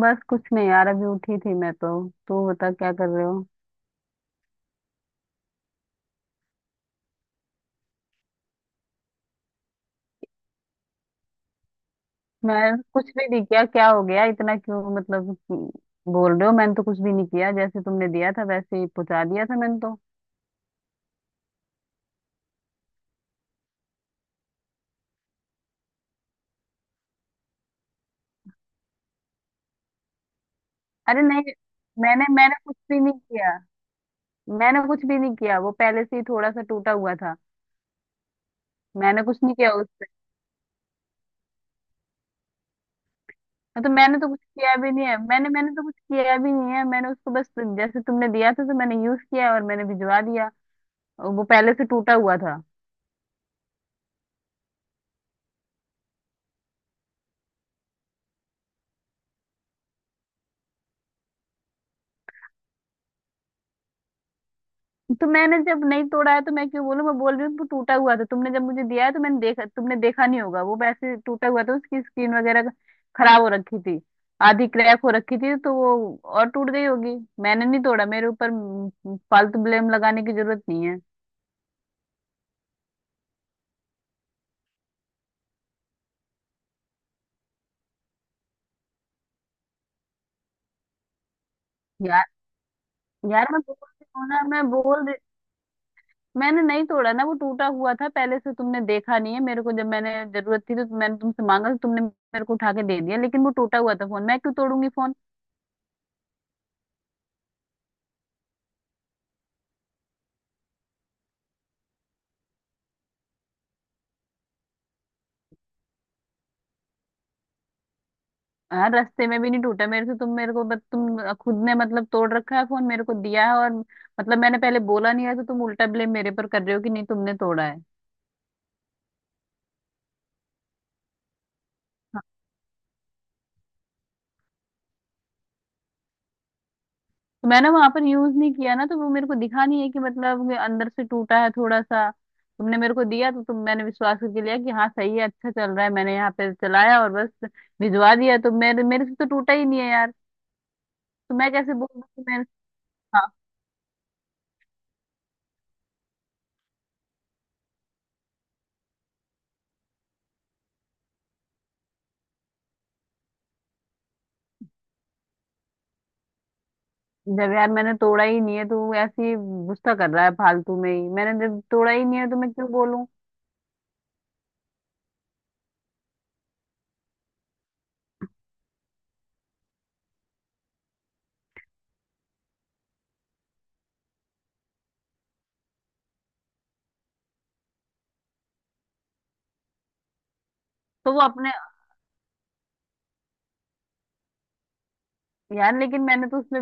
बस कुछ नहीं यार, अभी उठी थी मैं तो। तू बता क्या कर रहे हो। मैं कुछ भी नहीं किया, क्या हो गया, इतना क्यों मतलब बोल रहे हो। मैंने तो कुछ भी नहीं किया, जैसे तुमने दिया था वैसे ही पहुंचा दिया था मैंने तो। अरे नहीं। मैंने मैंने कुछ भी नहीं किया। मैंने कुछ भी नहीं किया, वो पहले से ही थोड़ा सा टूटा हुआ था। मैंने कुछ नहीं किया उससे। हाँ, तो मैंने तो कुछ किया भी नहीं है। मैंने मैंने तो कुछ किया भी नहीं है। मैंने उसको बस जैसे तुमने दिया था तो मैंने यूज किया और मैंने भिजवा दिया। और वो पहले से टूटा हुआ था। तो मैंने जब नहीं तोड़ा है तो मैं क्यों बोलूं। मैं बोल रही हूँ वो टूटा हुआ था, तुमने जब मुझे दिया है तो मैंने देखा, तुमने देखा नहीं होगा, वो वैसे टूटा हुआ था, उसकी स्किन वगैरह खराब हो रखी थी, आधी क्रैक हो रखी थी तो वो और टूट गई होगी। मैंने नहीं तोड़ा, मेरे ऊपर म, म, फालतू ब्लेम लगाने की जरूरत नहीं है। यार, यार मैं बोल रही हूँ ना मैं बोल रही मैंने नहीं तोड़ा ना, वो टूटा हुआ था पहले से, तुमने देखा नहीं है। मेरे को जब मैंने जरूरत थी तो मैंने तुमसे मांगा, तो तुमने मेरे को उठा के दे दिया, लेकिन वो टूटा हुआ था फोन। मैं क्यों तोड़ूंगी फोन। हाँ, रास्ते में भी नहीं टूटा मेरे से। तुम मेरे को बस, तुम खुद ने मतलब तोड़ रखा है फोन, मेरे को दिया है, और मतलब मैंने पहले बोला नहीं है तो तुम उल्टा ब्लेम मेरे पर कर रहे हो कि नहीं तुमने तोड़ा है। तो मैंने वहां पर यूज नहीं किया ना, तो वो मेरे को दिखा नहीं है कि मतलब ये अंदर से टूटा है थोड़ा सा। तुमने मेरे को दिया तो तुम, मैंने विश्वास करके लिया कि हाँ सही है, अच्छा चल रहा है, मैंने यहाँ पे चलाया और बस भिजवा दिया। तो मेरे मेरे से तो टूटा ही नहीं है यार। तो मैं कैसे बोलूँ कि मैं। हाँ, जब यार मैंने तोड़ा ही नहीं है तो ऐसी गुस्सा कर रहा है फालतू में ही। मैंने जब तोड़ा ही नहीं है तो मैं क्यों बोलूँ। तो वो अपने यार, लेकिन मैंने तो उसमें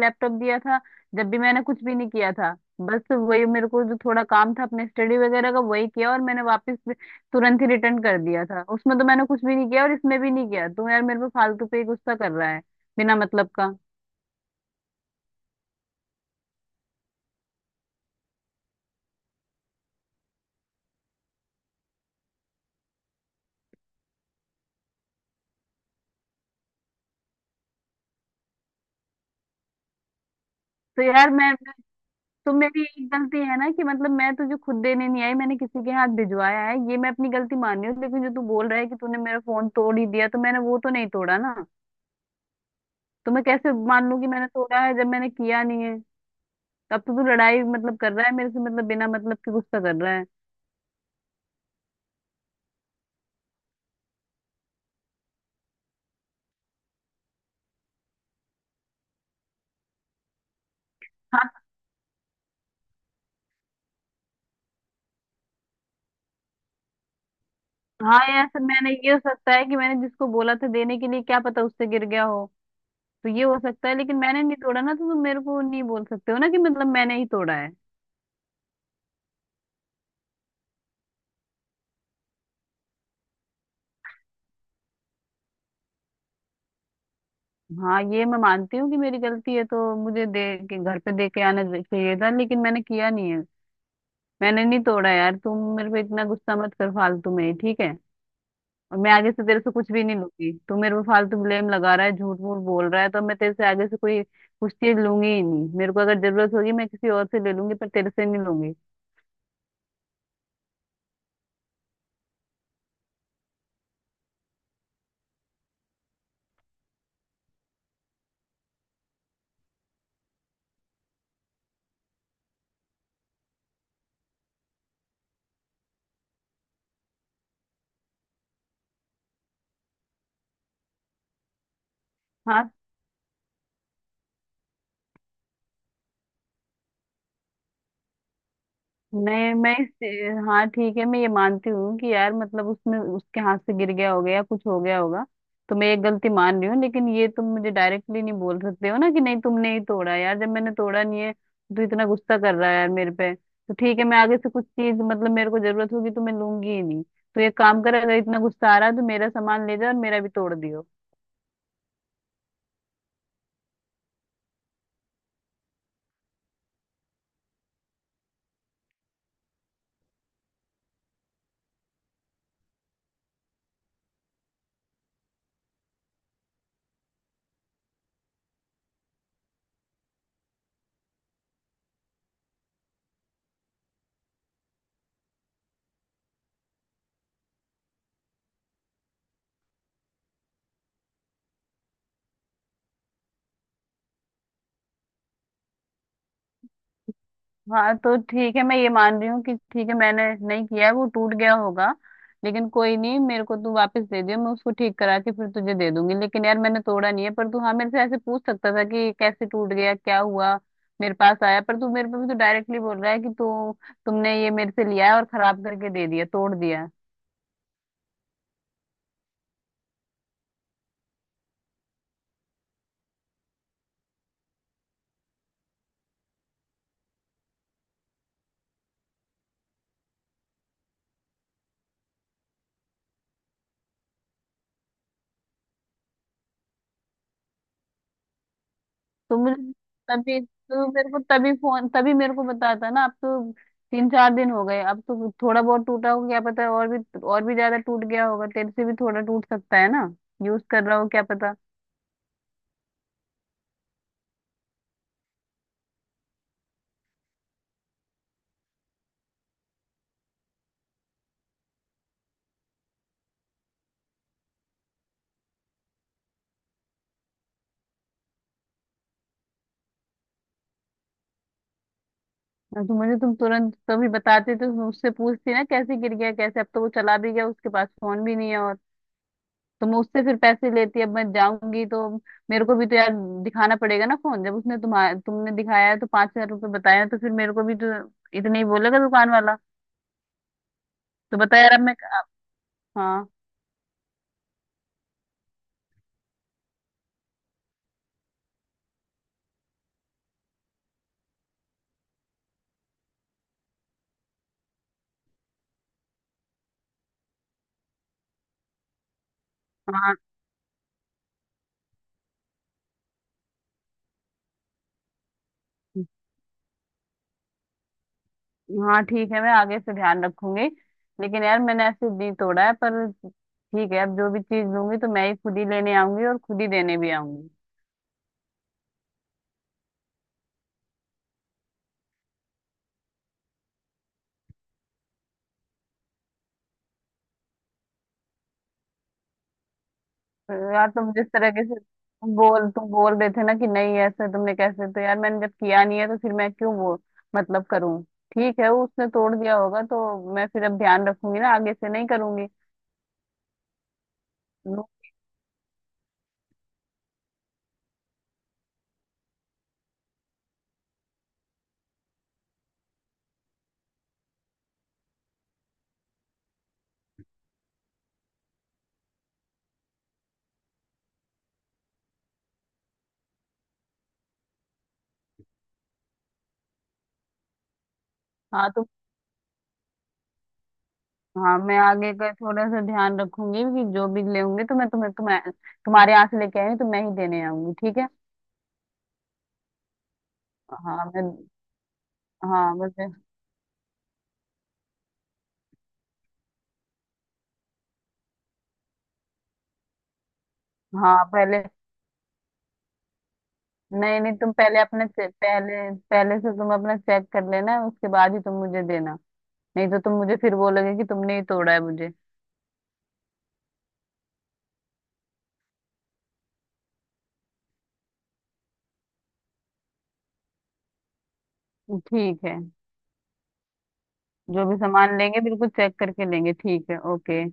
लैपटॉप दिया था, जब भी मैंने कुछ भी नहीं किया था, बस वही मेरे को जो थोड़ा काम था अपने स्टडी वगैरह का वही किया, और मैंने वापस भी तुरंत ही रिटर्न कर दिया था। उसमें तो मैंने कुछ भी नहीं किया और इसमें भी नहीं किया, तो यार मेरे पे फालतू पे ही गुस्सा कर रहा है बिना मतलब का। तो यार तो मेरी एक गलती है ना कि मतलब मैं तुझे खुद देने नहीं आई, मैंने किसी के हाथ भिजवाया है, ये मैं अपनी गलती मान रही हूँ, लेकिन जो तू बोल रहा है कि तूने मेरा फोन तोड़ ही दिया, तो मैंने वो तो नहीं तोड़ा ना। तो मैं कैसे मान लूं कि मैंने तोड़ा है जब मैंने किया नहीं है। तब तो तू लड़ाई मतलब कर रहा है मेरे से, मतलब बिना मतलब के गुस्सा कर रहा है। हाँ। हाँ यार सर, मैंने ये, हो सकता है कि मैंने जिसको बोला था देने के लिए, क्या पता उससे गिर गया हो। तो ये हो सकता है, लेकिन मैंने नहीं तोड़ा ना, तो तुम मेरे को नहीं बोल सकते हो ना कि मतलब मैंने ही तोड़ा है। हाँ ये मैं मानती हूँ कि मेरी गलती है तो मुझे दे के घर पे दे के आना चाहिए था, लेकिन मैंने किया नहीं है। मैंने नहीं तोड़ा यार, तुम मेरे पे इतना गुस्सा मत कर फालतू में, ठीक है। और मैं आगे से तेरे से कुछ भी नहीं लूंगी, तू मेरे पे फालतू ब्लेम लगा रहा है, झूठ मूठ बोल रहा है, तो मैं तेरे से आगे से कोई कुछ चीज लूंगी ही नहीं। मेरे को अगर जरूरत होगी मैं किसी और से ले लूंगी पर तेरे से नहीं लूंगी। हाँ। हाँ ठीक है, मैं ये मानती हूँ कि यार मतलब उसमें उसके हाथ से गिर गया होगा या कुछ हो गया होगा, तो मैं ये गलती मान रही हूँ। लेकिन ये तुम मुझे डायरेक्टली नहीं बोल सकते हो ना कि नहीं तुमने ही तोड़ा। यार जब मैंने तोड़ा नहीं है तो इतना गुस्सा कर रहा है यार मेरे पे। तो ठीक है, मैं आगे से कुछ चीज मतलब मेरे को जरूरत होगी तो मैं लूंगी ही नहीं। तो एक काम कर, अगर इतना गुस्सा आ रहा है तो मेरा सामान ले जाओ और मेरा भी तोड़ दियो। हाँ, तो ठीक है, मैं ये मान रही हूँ कि ठीक है मैंने नहीं किया है, वो टूट गया होगा। लेकिन कोई नहीं, मेरे को तू वापस दे दियो, मैं उसको ठीक करा के फिर तुझे दे दूंगी। लेकिन यार मैंने तोड़ा नहीं है, पर तू हाँ मेरे से ऐसे पूछ सकता था कि कैसे टूट गया, क्या हुआ, मेरे पास आया। पर तू मेरे पे भी तो डायरेक्टली बोल रहा है कि तू, तुमने ये मेरे से लिया है और खराब करके दे दिया, तोड़ दिया। तो मुझे तभी तो, मेरे को तभी फोन, तभी मेरे को बताता ना। अब तो 3-4 दिन हो गए, अब तो थोड़ा बहुत टूटा हो क्या पता, और भी ज्यादा टूट गया होगा। तेरे से भी थोड़ा टूट सकता है ना, यूज कर रहा हो क्या पता। हाँ, तो मुझे तुम तुरंत कभी बताते तो मैं उससे पूछती ना कैसे गिर गया कैसे। अब तो वो चला भी गया, उसके पास फोन भी नहीं है और, तो मैं उससे फिर पैसे लेती। अब मैं जाऊंगी तो मेरे को भी तो यार दिखाना पड़ेगा ना फोन, जब उसने तुम्हारा, तुमने दिखाया है तो 5,000 रुपये बताया है, तो फिर मेरे को भी तो इतने ही बोलेगा दुकान वाला। तो बता यार, अब मैं। हाँ। हाँ। हाँ ठीक है, मैं आगे से ध्यान रखूंगी। लेकिन यार मैंने ऐसे दी तोड़ा है पर, ठीक है। अब जो भी चीज लूंगी तो मैं ही खुद ही लेने आऊंगी और खुद ही देने भी आऊंगी। तो यार तुम जिस तरीके से तुम बोल रहे थे ना कि नहीं ऐसे तुमने कैसे, तो यार मैंने जब किया नहीं है तो फिर मैं क्यों वो मतलब करूं। ठीक है, वो उसने तोड़ दिया होगा, तो मैं फिर अब ध्यान रखूंगी ना, आगे से नहीं करूंगी। हाँ। हाँ मैं आगे का थोड़ा सा ध्यान रखूंगी कि जो भी ले होंगे तो मैं तुम्हें तुम्हें तुम्हारे यहाँ से लेके आई हूँ तो मैं ही देने आऊंगी, ठीक है। हाँ मैं। हाँ मुझे। हाँ पहले। नहीं नहीं, तुम पहले से तुम अपना चेक कर लेना, उसके बाद ही तुम मुझे देना। नहीं तो तुम मुझे फिर बोलोगे कि तुमने ही तोड़ा है मुझे। ठीक है। जो भी सामान लेंगे बिल्कुल चेक करके लेंगे, ठीक है, ओके।